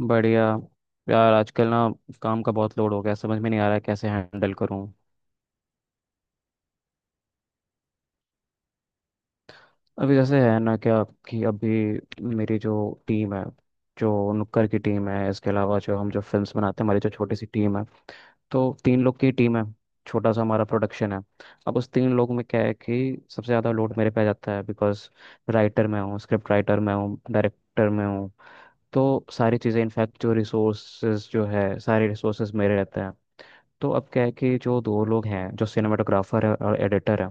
बढ़िया। यार, आजकल ना काम का बहुत लोड हो गया, समझ में नहीं आ रहा है कैसे हैंडल करूँ। अभी जैसे है ना क्या, कि अभी मेरी जो टीम है, जो नुक्कड़ की टीम है, इसके अलावा जो फिल्म्स बनाते हैं, हमारी जो छोटी सी टीम है, तो तीन लोग की टीम है। छोटा सा हमारा प्रोडक्शन है। अब उस तीन लोग में क्या है कि सबसे ज़्यादा लोड मेरे पे आ जाता है, बिकॉज राइटर मैं हूँ, स्क्रिप्ट राइटर मैं हूँ, डायरेक्टर मैं हूँ। तो सारी चीज़ें इनफैक्ट जो रिसोर्सेज जो है सारे रिसोर्सेज मेरे रहते हैं। तो अब क्या है कि जो दो लोग हैं, जो सिनेमाटोग्राफर है और एडिटर है,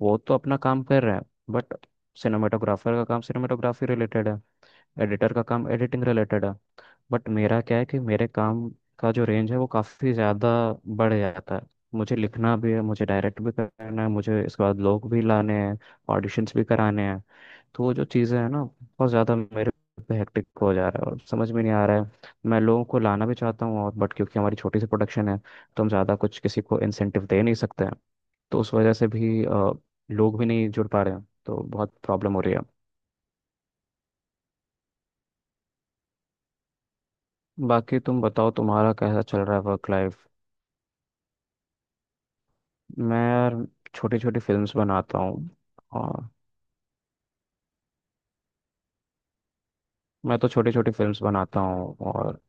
वो तो अपना काम कर रहे हैं। बट सिनेमाटोग्राफर का काम सिनेमाटोग्राफी रिलेटेड है, एडिटर का काम एडिटिंग रिलेटेड है। बट मेरा क्या है कि मेरे काम का जो रेंज है वो काफ़ी ज़्यादा बढ़ जाता है। मुझे लिखना भी है, मुझे डायरेक्ट भी करना है, मुझे इसके बाद लोग भी लाने हैं, ऑडिशंस भी कराने हैं। तो वो जो चीज़ें हैं ना, बहुत ज़्यादा मेरे पे हेक्टिक हो जा रहा है, और समझ में नहीं आ रहा है। मैं लोगों को लाना भी चाहता हूँ और बट क्योंकि हमारी छोटी सी प्रोडक्शन है, तो हम ज़्यादा कुछ किसी को इंसेंटिव दे नहीं सकते हैं। तो उस वजह से भी लोग भी नहीं जुड़ पा रहे हैं, तो बहुत प्रॉब्लम हो रही है। बाकी तुम बताओ, तुम्हारा कैसा चल रहा है वर्क लाइफ। मैं यार छोटी छोटी फिल्म्स बनाता हूँ, और मैं तो छोटी छोटी फिल्म्स बनाता हूँ और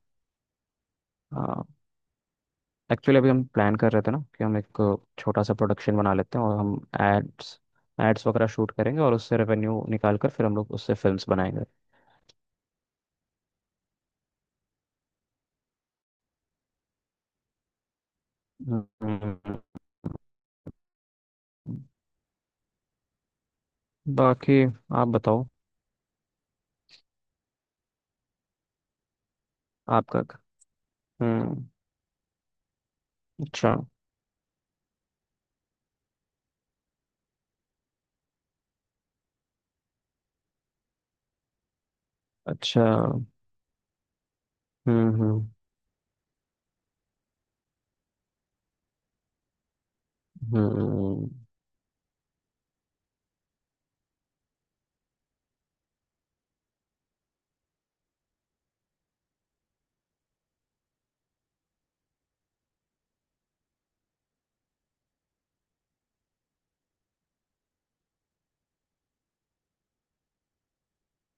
एक्चुअली अभी हम प्लान कर रहे थे ना कि हम एक छोटा सा प्रोडक्शन बना लेते हैं, और हम एड्स एड्स वगैरह शूट करेंगे और उससे रेवेन्यू निकाल कर फिर हम लोग उससे फिल्म्स बनाएंगे। हम्म। बाकी आप बताओ। आपका हम्म। अच्छा। अच्छा। हम्म। हम्म। हम्म।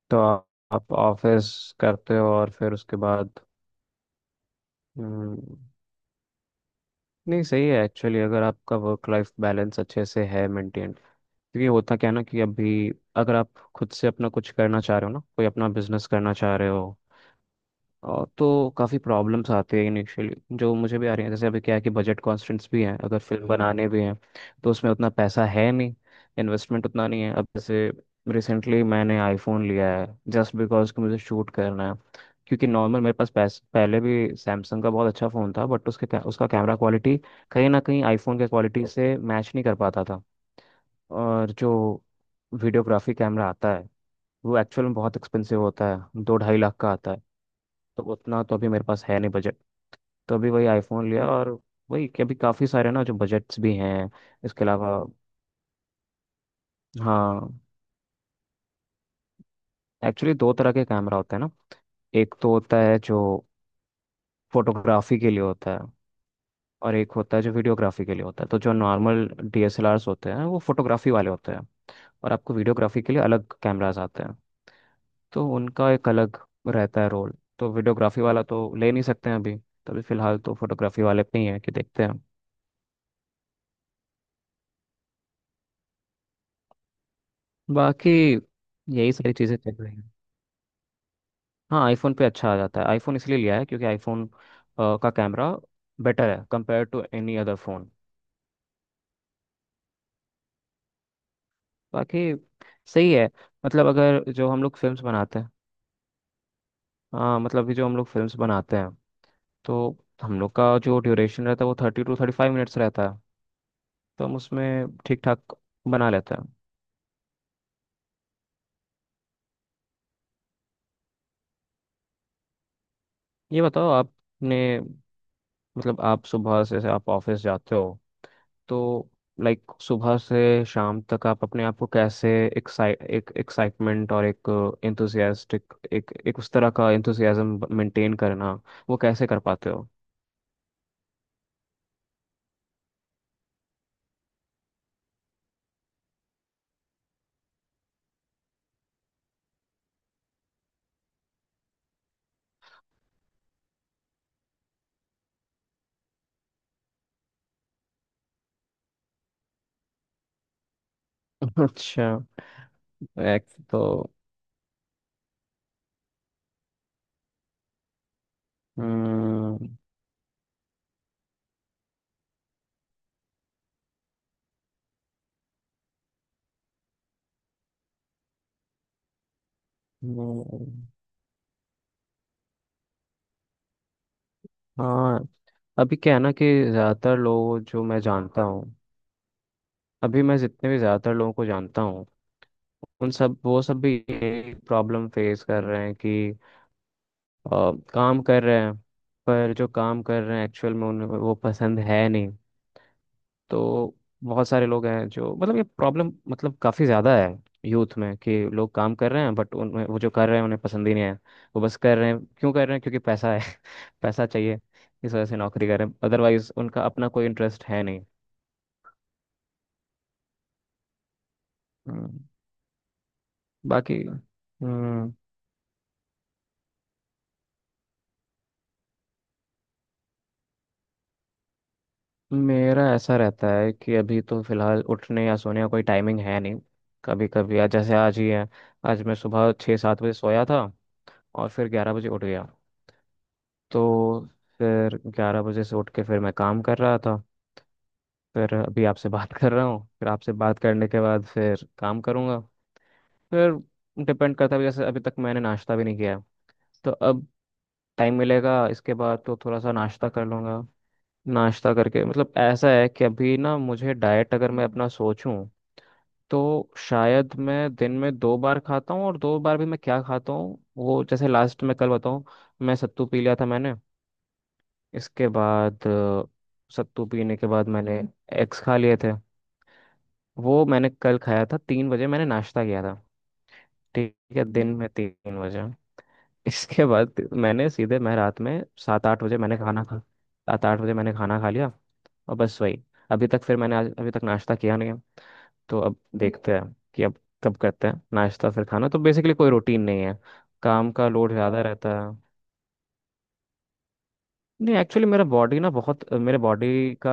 तो आप ऑफिस करते हो और फिर उसके बाद। हम्म। नहीं, सही है एक्चुअली अगर आपका वर्क लाइफ बैलेंस अच्छे से है मेंटेन, क्योंकि होता क्या है ना कि अभी अगर आप खुद से अपना कुछ करना चाह रहे हो ना, कोई अपना बिजनेस करना चाह रहे हो और तो काफ़ी प्रॉब्लम्स आते हैं इनिशियली, जो मुझे भी आ रही हैं। जैसे अभी क्या है कि बजट कॉन्स्टेंट्स भी हैं, अगर फिल्म बनाने भी हैं तो उसमें उतना पैसा है नहीं, इन्वेस्टमेंट उतना नहीं है। अब जैसे रिसेंटली मैंने आईफोन लिया है, जस्ट बिकॉज कि मुझे शूट करना है, क्योंकि नॉर्मल मेरे पास पहले भी सैमसंग का बहुत अच्छा फ़ोन था, बट उसके उसका कैमरा क्वालिटी कहीं ना कहीं आईफोन के क्वालिटी से मैच नहीं कर पाता था। और जो वीडियोग्राफी कैमरा आता है वो एक्चुअल में बहुत एक्सपेंसिव होता है, 2-2.5 लाख का आता है। तो उतना तो अभी मेरे पास है नहीं बजट। तो अभी वही आईफोन लिया, और वही कि अभी काफ़ी सारे ना जो बजट्स भी हैं इसके अलावा। हाँ, एक्चुअली दो तरह के कैमरा होते हैं ना। एक तो होता है जो फोटोग्राफी के लिए होता है, और एक होता है जो वीडियोग्राफी के लिए होता है। तो जो नॉर्मल डीएसएलआरस होते हैं वो फोटोग्राफी वाले होते हैं, और आपको वीडियोग्राफी के लिए अलग कैमराज आते हैं। तो उनका एक अलग रहता है रोल। तो वीडियोग्राफी वाला तो ले नहीं सकते हैं अभी, तो अभी फिलहाल तो फोटोग्राफी वाले पे ही है कि देखते हैं। बाकी यही सारी चीज़ें चल रही हैं। हाँ, आईफोन पे अच्छा आ जाता है, आईफोन इसलिए लिया है क्योंकि आईफोन का कैमरा बेटर है compare to any other phone. बाकी सही है। मतलब अगर जो हम लोग फिल्म्स बनाते हैं, हाँ, मतलब कि जो हम लोग फिल्म्स बनाते हैं, तो हम लोग का जो ड्यूरेशन रहता है वो 30-35 मिनट्स रहता है। तो हम उसमें ठीक ठाक बना लेते हैं। ये बताओ आपने, मतलब आप सुबह से आप ऑफिस जाते हो, तो लाइक सुबह से शाम तक आप अपने आप को कैसे एक्साइट एक एक्साइटमेंट और एक एंथुसियास्टिक, एक एक उस तरह का एंथुसियाज्म मेंटेन करना, वो कैसे कर पाते हो। अच्छा। एक तो हम्म। हम्म। हाँ। अभी क्या है ना कि ज़्यादातर लोग जो मैं जानता हूँ, अभी मैं जितने भी ज़्यादातर लोगों को जानता हूँ, उन सब वो सब भी यही प्रॉब्लम फेस कर रहे हैं कि काम कर रहे हैं पर जो काम कर रहे हैं एक्चुअल में उन्हें वो पसंद है नहीं। तो बहुत सारे लोग हैं जो मतलब ये प्रॉब्लम मतलब काफ़ी ज़्यादा है यूथ में, कि लोग काम कर रहे हैं बट उनमें वो जो कर रहे हैं उन्हें पसंद ही नहीं है। वो बस कर रहे हैं, क्यों कर रहे हैं क्योंकि पैसा है, पैसा चाहिए, इस वजह से नौकरी कर रहे हैं, अदरवाइज उनका अपना कोई इंटरेस्ट है नहीं। हम्म। बाकी हम्म। मेरा ऐसा रहता है कि अभी तो फिलहाल उठने या सोने का कोई टाइमिंग है नहीं। कभी कभी, आज जैसे आज ही है, आज मैं सुबह 6-7 बजे सोया था और फिर 11 बजे उठ गया। तो फिर 11 बजे से उठ के फिर मैं काम कर रहा था, फिर अभी आपसे बात कर रहा हूँ, फिर आपसे बात करने के बाद फिर काम करूँगा। फिर डिपेंड करता है, जैसे अभी तक मैंने नाश्ता भी नहीं किया है। तो अब टाइम मिलेगा इसके बाद तो थोड़ा सा नाश्ता कर लूँगा। नाश्ता करके, मतलब ऐसा है कि अभी ना मुझे डाइट अगर मैं अपना सोचूं, तो शायद मैं दिन में दो बार खाता हूँ, और दो बार भी मैं क्या खाता हूँ वो जैसे लास्ट में कल बताऊँ। मैं सत्तू पी लिया था मैंने, इसके बाद सत्तू पीने के बाद मैंने एग्स खा लिए थे। वो मैंने कल खाया था, 3 बजे मैंने नाश्ता किया था। ठीक है, दिन में 3 बजे। इसके बाद मैंने सीधे मैं रात में 7-8 बजे मैंने खाना खा लिया, और बस वही। अभी तक फिर मैंने आज अभी तक नाश्ता किया नहीं है, तो अब देखते हैं कि अब कब करते हैं नाश्ता फिर खाना, तो बेसिकली कोई रूटीन नहीं है। काम का लोड ज़्यादा हाँ रहता है। नहीं एक्चुअली का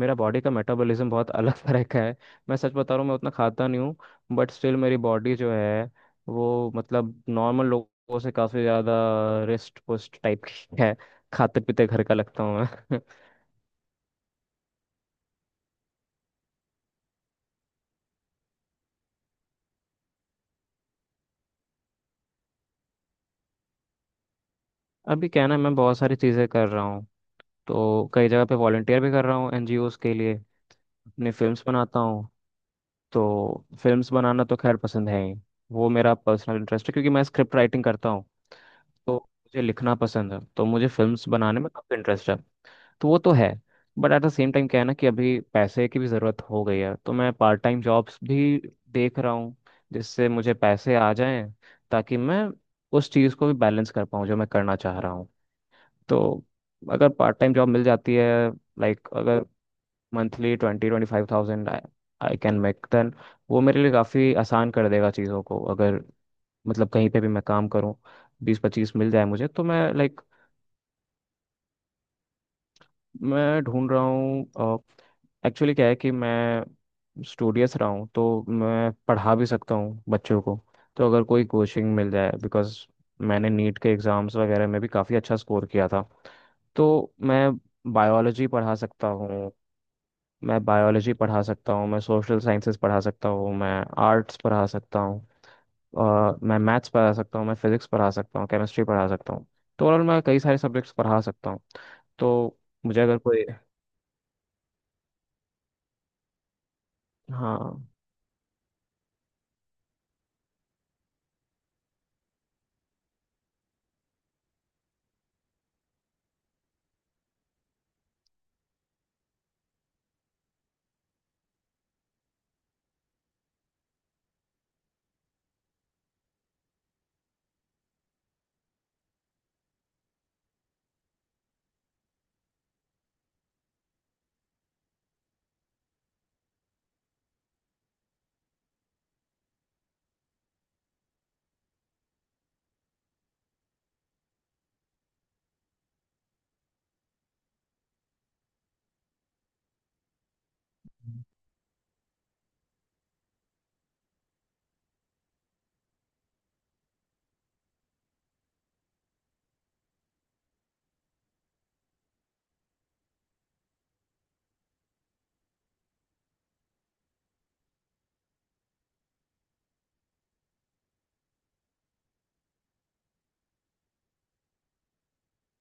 मेरा बॉडी का मेटाबॉलिज्म बहुत अलग तरह का है। मैं सच बता रहा हूँ, मैं उतना खाता नहीं हूँ। बट स्टिल मेरी बॉडी जो है वो मतलब नॉर्मल लोगों से काफ़ी ज़्यादा रिस्ट पुस्ट टाइप की है, खाते पीते घर का लगता हूँ मैं। अभी क्या है ना, मैं बहुत सारी चीज़ें कर रहा हूँ, तो कई जगह पे वॉलंटियर भी कर रहा हूँ एनजीओज के लिए, अपनी फिल्म्स बनाता हूँ। तो फिल्म्स बनाना तो खैर पसंद है ही, वो मेरा पर्सनल इंटरेस्ट है क्योंकि मैं स्क्रिप्ट राइटिंग करता हूँ। तो मुझे लिखना पसंद है, तो मुझे फिल्म्स बनाने में काफ़ी इंटरेस्ट है, तो वो तो है। But at the same time क्या है ना कि अभी पैसे की भी ज़रूरत हो गई है, तो मैं पार्ट टाइम जॉब्स भी देख रहा हूँ, जिससे मुझे पैसे आ जाएं, ताकि मैं उस चीज़ को भी बैलेंस कर पाऊँ जो मैं करना चाह रहा हूँ। तो अगर पार्ट टाइम जॉब मिल जाती है, लाइक अगर monthly 20-25 thousand I can make then, वो मेरे लिए काफ़ी आसान कर देगा चीज़ों को। अगर मतलब कहीं पे भी मैं काम करूँ, 20-25 मिल जाए मुझे, तो मैं लाइक मैं ढूंढ रहा हूँ। एक्चुअली क्या है कि मैं स्टूडियस रहा हूँ तो मैं पढ़ा भी सकता हूँ बच्चों को, तो अगर कोई कोचिंग मिल जाए, बिकॉज मैंने नीट के एग्ज़ाम्स वगैरह में भी काफ़ी अच्छा स्कोर किया था। तो मैं बायोलॉजी पढ़ा सकता हूँ, मैं सोशल साइंसेस पढ़ा सकता हूँ, मैं आर्ट्स पढ़ा सकता हूँ, मैं मैथ्स पढ़ा सकता हूँ, मैं फिजिक्स पढ़ा सकता हूँ, केमिस्ट्री पढ़ा सकता हूँ। तो ओवरऑल मैं कई सारे सब्जेक्ट्स पढ़ा सकता हूँ। तो मुझे अगर कोई, हाँ।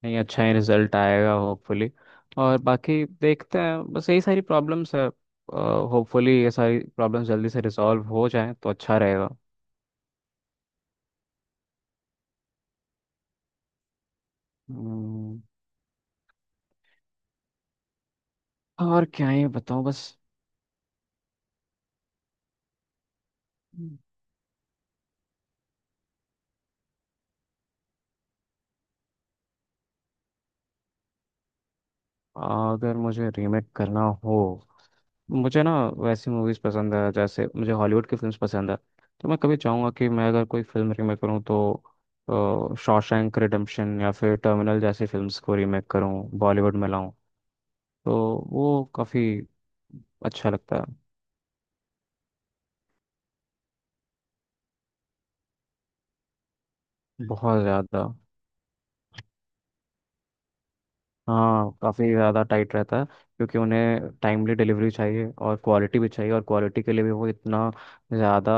नहीं, अच्छा ही रिजल्ट आएगा होपफुली, और बाकी देखते हैं, बस यही सारी प्रॉब्लम्स है। होपफुली ये सारी प्रॉब्लम्स जल्दी से रिजॉल्व हो जाए तो अच्छा रहेगा। हम्म। और क्या ही बताऊँ बस। हम्म। अगर मुझे रीमेक करना हो, मुझे ना वैसी मूवीज़ पसंद है, जैसे मुझे हॉलीवुड की फिल्म्स पसंद है। तो मैं कभी चाहूँगा कि मैं अगर कोई फिल्म रीमेक करूँ तो शॉशैंक रिडेम्पशन या फिर टर्मिनल जैसी फिल्म्स को रीमेक करूँ, बॉलीवुड में लाऊं। तो वो काफ़ी अच्छा लगता है। बहुत ज़्यादा। हाँ, काफ़ी ज़्यादा टाइट रहता है क्योंकि उन्हें टाइमली डिलीवरी चाहिए और क्वालिटी भी चाहिए, और क्वालिटी के लिए भी वो इतना ज़्यादा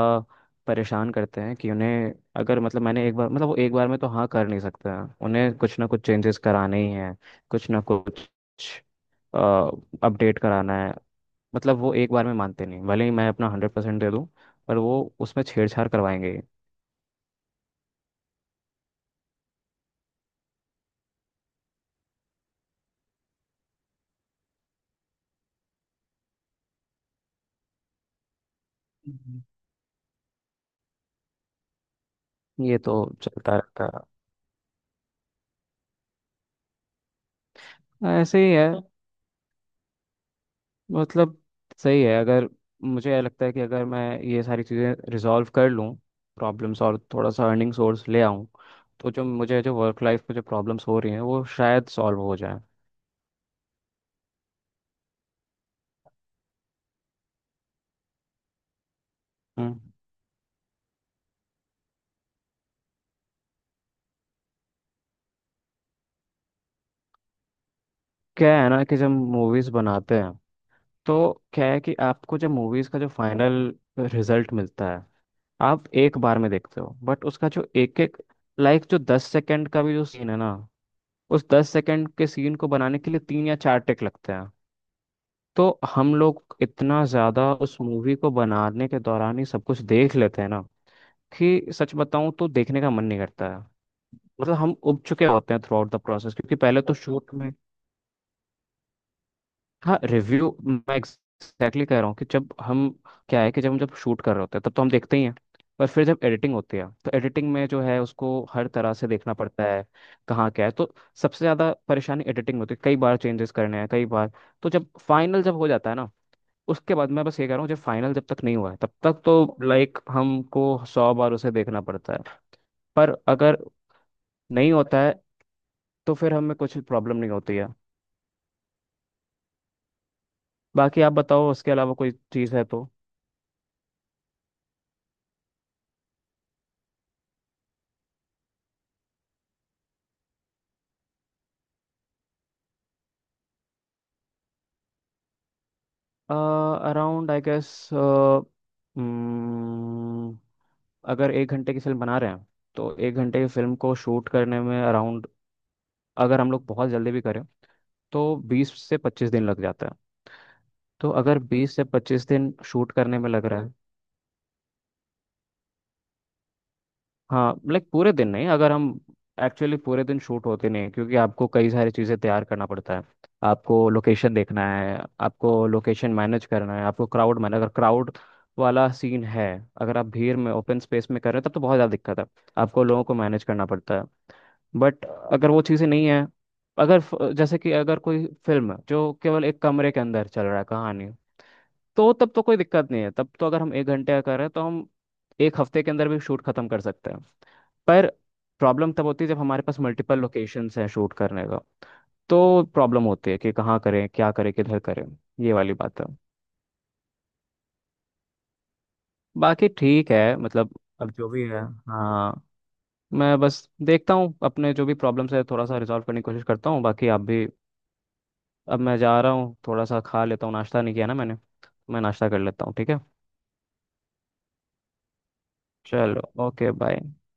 परेशान करते हैं कि उन्हें अगर मतलब मैंने एक बार मतलब वो एक बार में तो हाँ कर नहीं सकते हैं, उन्हें कुछ ना कुछ चेंजेस कराने ही हैं, कुछ ना कुछ अपडेट कराना है। मतलब वो एक बार में मानते नहीं, भले ही मैं अपना 100% दे दूँ, पर वो उसमें छेड़छाड़ करवाएंगे ही। ये तो चलता रहता है, ऐसे ही है, मतलब सही है। अगर मुझे ये लगता है कि अगर मैं ये सारी चीज़ें रिजॉल्व कर लूँ, प्रॉब्लम्स, और थोड़ा सा अर्निंग सोर्स ले आऊँ, तो जो मुझे, जो वर्क लाइफ में जो प्रॉब्लम्स हो रही हैं वो शायद सॉल्व हो जाए। हम्म। क्या है ना कि जब मूवीज़ बनाते हैं, तो क्या है कि आपको जब मूवीज़ का जो फाइनल रिजल्ट मिलता है, आप एक बार में देखते हो, बट उसका जो एक एक, लाइक जो 10 सेकेंड का भी जो सीन है ना, उस 10 सेकेंड के सीन को बनाने के लिए तीन या चार टेक लगते हैं। तो हम लोग इतना ज्यादा उस मूवी को बनाने के दौरान ही सब कुछ देख लेते हैं ना कि सच बताऊं तो देखने का मन नहीं करता है। मतलब हम उब चुके होते हैं थ्रू आउट द प्रोसेस, क्योंकि पहले तो शूट में, हाँ, रिव्यू, मैं एग्जैक्टली कह रहा हूँ कि जब हम क्या है कि जब शूट कर रहे होते हैं तब तो हम देखते ही हैं, पर फिर जब एडिटिंग होती है तो एडिटिंग में जो है उसको हर तरह से देखना पड़ता है, कहाँ क्या है। तो सबसे ज़्यादा परेशानी एडिटिंग में होती है, कई बार चेंजेस करने हैं कई बार। तो जब फाइनल जब हो जाता है ना, उसके बाद, मैं बस ये कह रहा हूँ, जब फाइनल जब तक नहीं हुआ है तब तक तो लाइक हमको 100 बार उसे देखना पड़ता है। पर अगर नहीं होता है तो फिर हमें कुछ प्रॉब्लम नहीं होती है। बाकी आप बताओ, उसके अलावा कोई चीज़ है तो। अराउंड आई गेस, अगर 1 घंटे की फिल्म बना रहे हैं, तो 1 घंटे की फिल्म को शूट करने में अराउंड, अगर हम लोग बहुत जल्दी भी करें, तो 20 से 25 दिन लग जाता है। तो अगर 20 से 25 दिन शूट करने में लग रहा है, हाँ लाइक पूरे दिन नहीं, अगर हम, एक्चुअली पूरे दिन शूट होते नहीं हैं, क्योंकि आपको कई सारी चीज़ें तैयार करना पड़ता है। आपको लोकेशन देखना है, आपको लोकेशन मैनेज करना है, आपको क्राउड मैनेज, अगर क्राउड वाला सीन है, अगर आप भीड़ में ओपन स्पेस में कर रहे हैं तब तो बहुत ज़्यादा दिक्कत है, आपको लोगों को मैनेज करना पड़ता है। बट अगर वो चीज़ें नहीं है, अगर जैसे कि अगर कोई फिल्म जो केवल एक कमरे के अंदर चल रहा है कहानी, तो तब तो कोई दिक्कत नहीं है, तब तो अगर हम 1 घंटे का कर रहे हैं तो हम 1 हफ्ते के अंदर भी शूट खत्म कर सकते हैं। पर प्रॉब्लम तब होती है जब हमारे पास मल्टीपल लोकेशंस हैं शूट करने का, तो प्रॉब्लम होती है कि कहाँ करें, क्या करें, किधर करें, ये वाली बात है। बाकी ठीक है, मतलब, अब जो भी है, हाँ, मैं बस देखता हूँ अपने जो भी प्रॉब्लम्स है थोड़ा सा रिजॉल्व करने की कोशिश करता हूँ, बाकी आप भी। अब मैं जा रहा हूँ, थोड़ा सा खा लेता हूँ, नाश्ता नहीं किया ना मैंने, तो मैं नाश्ता कर लेता हूँ, ठीक है, चलो, ओके बाय।